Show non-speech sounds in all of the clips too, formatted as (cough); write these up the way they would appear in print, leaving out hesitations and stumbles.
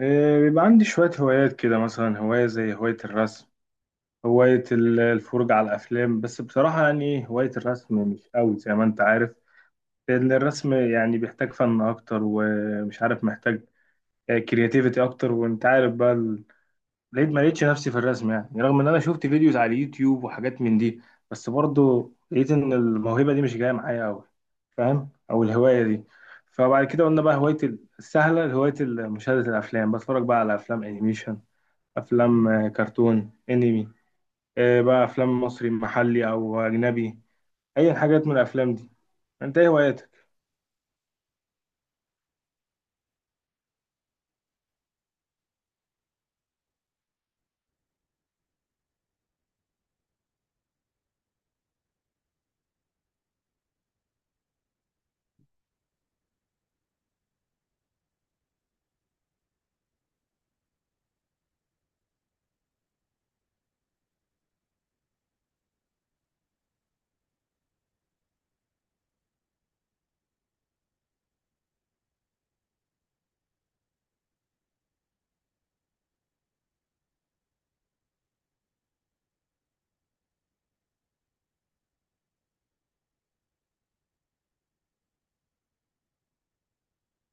بيبقى عندي شوية هوايات كده، مثلا هواية زي هواية الرسم، هواية الفرجة على الأفلام. بس بصراحة يعني هواية الرسم مش قوي زي ما أنت عارف، لأن الرسم يعني بيحتاج فن أكتر، ومش عارف محتاج كرياتيفيتي أكتر. وأنت عارف بقى لقيت ما لقيتش نفسي في الرسم، يعني رغم إن أنا شفت فيديوز على اليوتيوب وحاجات من دي، بس برضه لقيت إن الموهبة دي مش جاية معايا قوي، فاهم؟ أو الهواية دي. فبعد كده قلنا بقى هواية السهلة، هواية مشاهدة الأفلام. بتفرج بقى على أفلام أنيميشن، افلام، كرتون انمي، بقى افلام مصري محلي او اجنبي، اي حاجات من الافلام دي. انت ايه هواياتك؟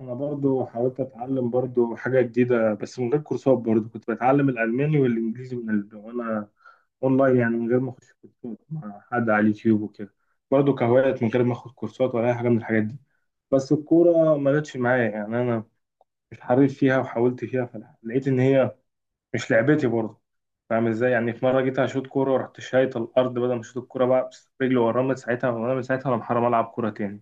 انا برضو حاولت اتعلم برضو حاجه جديده بس من غير كورسات، برضو كنت بتعلم الالماني والانجليزي وانا اونلاين يعني، من غير ما اخش كورسات مع حد، على اليوتيوب وكده، برضو كهوايات، من غير ما اخد كورسات ولا اي حاجه من الحاجات دي. بس الكوره ما جاتش معايا يعني، انا مش حريف فيها، وحاولت فيها فلقيت ان هي مش لعبتي برضه. فاهم ازاي؟ يعني في مره جيت هشوط كوره ورحت شايط الارض بدل ما اشوط الكوره بقى، بس رجلي ورا من ساعتها، وانا من ساعتها انا محرم العب كوره تاني.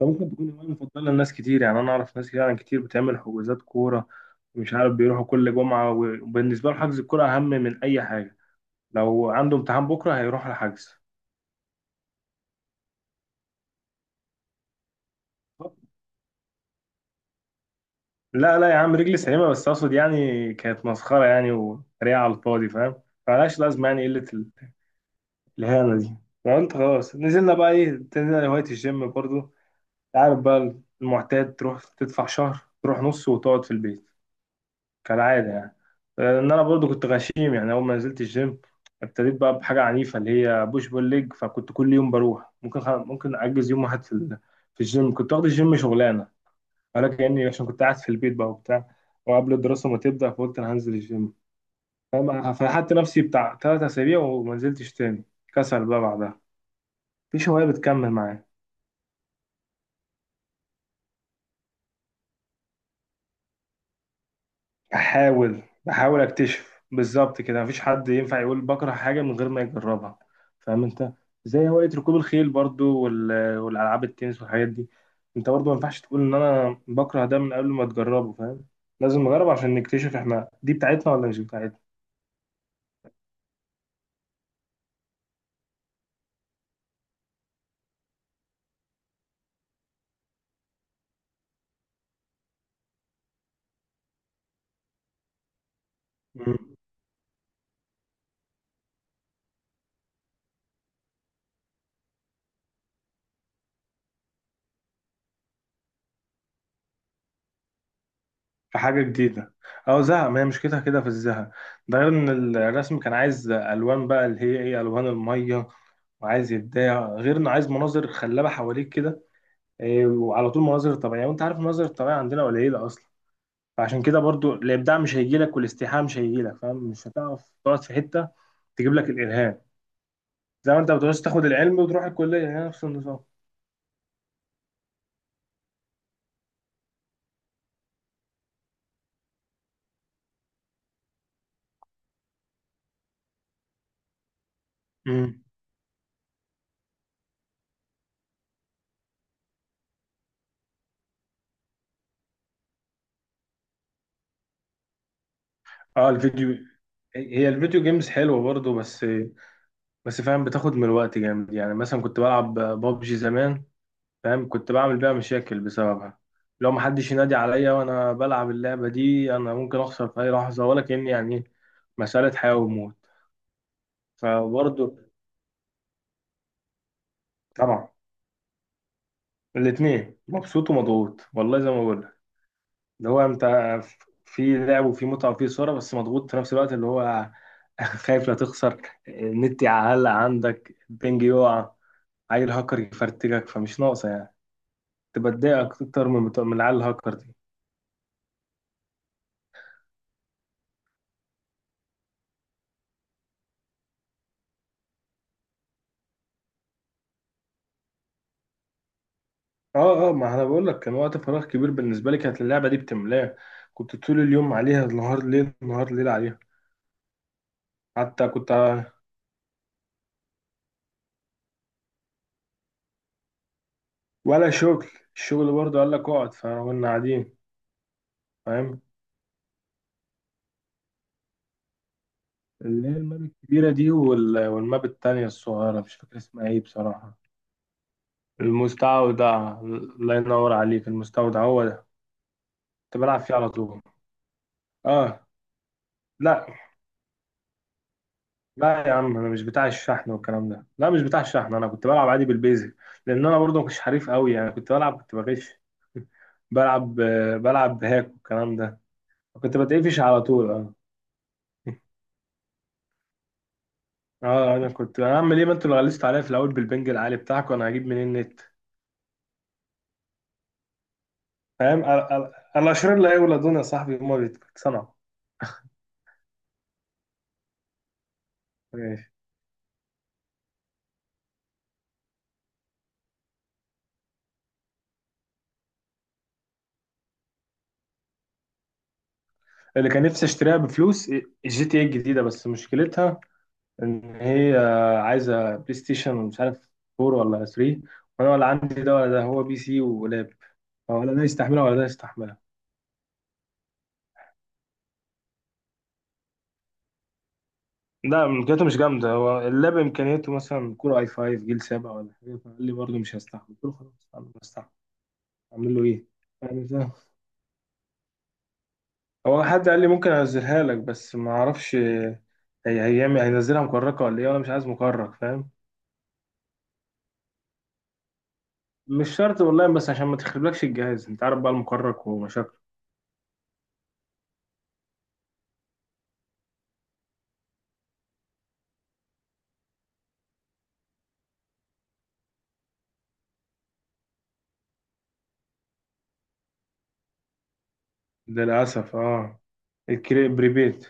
فممكن تكون هوايه مفضله لناس كتير، يعني انا اعرف ناس يعني كتير بتعمل حجوزات كوره، مش عارف، بيروحوا كل جمعه، وبالنسبه له حجز الكوره اهم من اي حاجه، لو عنده امتحان بكره هيروح الحجز. لا لا يا عم، رجلي سليمه، بس اقصد يعني كانت مسخره يعني، وطريقه على الفاضي، فاهم؟ فمالهاش لازمه، يعني قله الاهانه دي. فقلت خلاص، نزلنا بقى ايه، تنزل هوايه الجيم برضو، عارف بقى، المعتاد، تروح تدفع شهر، تروح نص وتقعد في البيت، كالعادة يعني. ان انا برضو كنت غشيم يعني، اول ما نزلت الجيم ابتديت بقى بحاجة عنيفة اللي هي بوش بول ليج، فكنت كل يوم بروح، ممكن ممكن اجز يوم واحد في في الجيم، كنت واخد الجيم شغلانة، ولكن يعني عشان كنت قاعد في البيت بقى وبتاع، وقبل الدراسة ما تبدأ فقلت انا هنزل الجيم، فاهم؟ فلحقت نفسي بتاع ثلاث اسابيع وما نزلتش تاني، كسل بقى بعدها. مفيش هواية بتكمل معايا، بحاول بحاول اكتشف بالظبط كده، مفيش حد ينفع يقول بكره حاجه من غير ما يجربها، فاهم انت؟ زي هوايه ركوب الخيل برضو والالعاب التنس والحاجات دي، انت برضو ما ينفعش تقول ان انا بكره ده من قبل ما تجربه، فاهم؟ لازم نجرب عشان نكتشف احنا دي بتاعتنا ولا مش بتاعتنا. مم. في حاجه جديده، او زهق، ما هي مشكلتها كده في الزهق، ده غير ان الرسم كان عايز الوان بقى اللي هي ايه، الوان الميه، وعايز يبدع، غير انه عايز مناظر خلابه حواليك كده، وعلى طول مناظر طبيعية، وانت عارف المناظر الطبيعية عندنا قليلة اصلا، فعشان كده برضو الابداع مش هيجي لك، والاستيحاء مش هيجي لك، فاهم؟ مش هتعرف تقعد في حتة تجيب لك الالهام، زي ما انت بتعوز تاخد العلم وتروح الكلية، هي نفس النظام. امم اه، الفيديو، هي الفيديو جيمز حلوة برضو، بس فاهم بتاخد من الوقت جامد، يعني مثلا كنت بلعب بابجي زمان، فاهم، كنت بعمل بيها مشاكل بسببها، لو محدش ينادي عليا وانا بلعب اللعبة دي انا ممكن اخسر في اي لحظة، ولا كأني يعني مسألة حياة وموت. فبرضه، طبعا، الاثنين مبسوط ومضغوط، والله زي ما بقول لك، اللي هو انت في لعب وفي متعه وفي صوره، بس مضغوط في نفس الوقت اللي هو (laughs) خايف لا تخسر، النت يعلق عندك، البنج يقع، عيل هاكر يفرتكك، فمش ناقصه يعني، تبقى تضايقك اكتر من بتوع من العيال الهاكر دي. اه اه ما انا بقول لك، كان وقت فراغ كبير بالنسبه لي، كانت اللعبه دي بتملاه، كنت طول اليوم عليها، النهار ليل نهار ليل عليها، حتى كنت، ولا شغل، الشغل برضه قال لك اقعد فكنا قاعدين. فاهم، اللي هي الماب الكبيرة دي والماب التانية الصغيرة، مش فاكر اسمها ايه بصراحة. المستودع، الله ينور عليك، المستودع هو ده، كنت بلعب فيه على طول. اه، لا لا يا عم، انا مش بتاع الشحن والكلام ده، لا مش بتاع الشحن، انا كنت بلعب عادي بالبيزك، لان انا برضه مش حريف قوي يعني، كنت بلعب كنت بغش. (laughs) بلعب، بلعب بهاك والكلام ده. كنت بتقفش على طول، اه. اه انا كنت اعمل ايه، ما انتوا اللي غلستوا عليا في الاول بالبنج العالي بتاعك، وانا هجيب منين النت؟ فاهم، الاشرار لا يولدون يا صاحبي، هما بيتصنعوا. ماشي، اللي كان نفسي اشتريها بفلوس الجي تي اي الجديده، بس مشكلتها ان هي عايزه بلاي ستيشن مش عارف 4 ولا 3، وانا ولا عندي ده ولا ده، هو بي سي ولاب، ولا ده يستحملها ولا ده يستحملها. لا، امكانياته مش جامده، هو اللاب امكانياته مثلا كور اي 5 جيل 7 ولا حاجه، فقال لي برضه مش هستحمل، قلت له خلاص انا مش هستحمل، اعمل له ايه؟ يعني ده- هو حد قال لي ممكن انزلها لك، بس ما اعرفش هي هيعمل هينزلها مكركة ولا ايه، وانا مش عايز مكرك، فاهم، مش شرط والله، بس عشان ما تخربلكش الجهاز، انت عارف بقى المكرك ومشاكله. للأسف اه، الكري بريبيت.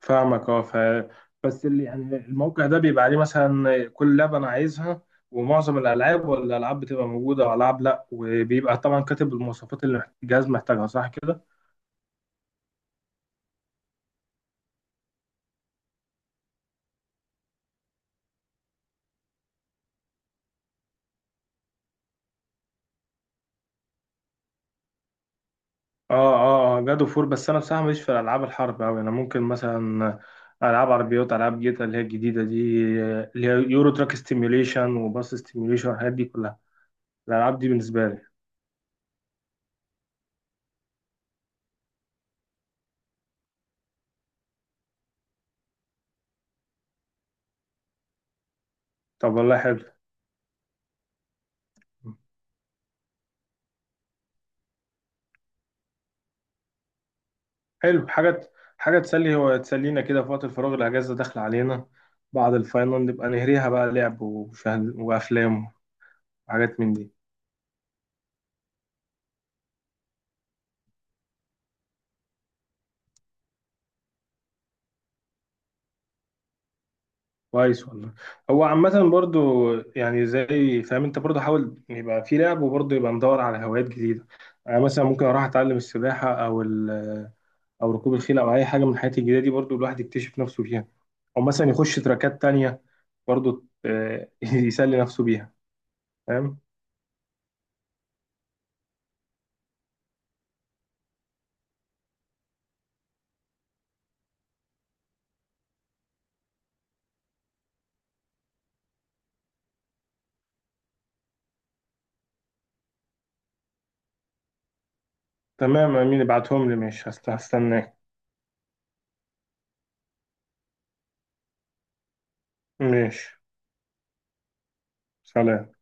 فاهمك، اه، بس اللي يعني الموقع ده بيبقى عليه مثلا كل لعبة انا عايزها، ومعظم الألعاب ولا الألعاب بتبقى موجودة، وألعاب لأ، وبيبقى طبعا كاتب المواصفات اللي الجهاز محتاجها، صح كده؟ اه اه اه جاد اوف وور، بس انا بصراحه ماليش في الالعاب الحرب اوي، انا ممكن مثلا العاب عربيات، العاب جيتا اللي هي الجديده دي، اللي هي يورو تراك ستيميوليشن وباص ستيميوليشن والحاجات دي كلها، الالعاب دي بالنسبه لي. طب والله حلو، حلو حاجه، حاجه تسلي، هو تسلينا كده في وقت الفراغ، الاجازه داخله علينا، بعد الفاينل نبقى نهريها بقى لعب ومشاهد وافلام وحاجات من دي. كويس والله، هو عامة برضو، يعني زي فاهم، انت برضو حاول يبقى في لعب، وبرضو يبقى مدور على هوايات جديدة، انا مثلا ممكن اروح اتعلم السباحة او او ركوب الخيل او اي حاجة من الحاجات الجديدة دي، برضو الواحد يكتشف نفسه فيها، او مثلا يخش تراكات تانية برضو، (laughs) يسلي نفسه بيها. فاهم، تمام امين، ابعتهم لي، ماشي، هستناك. ماشي، سلام.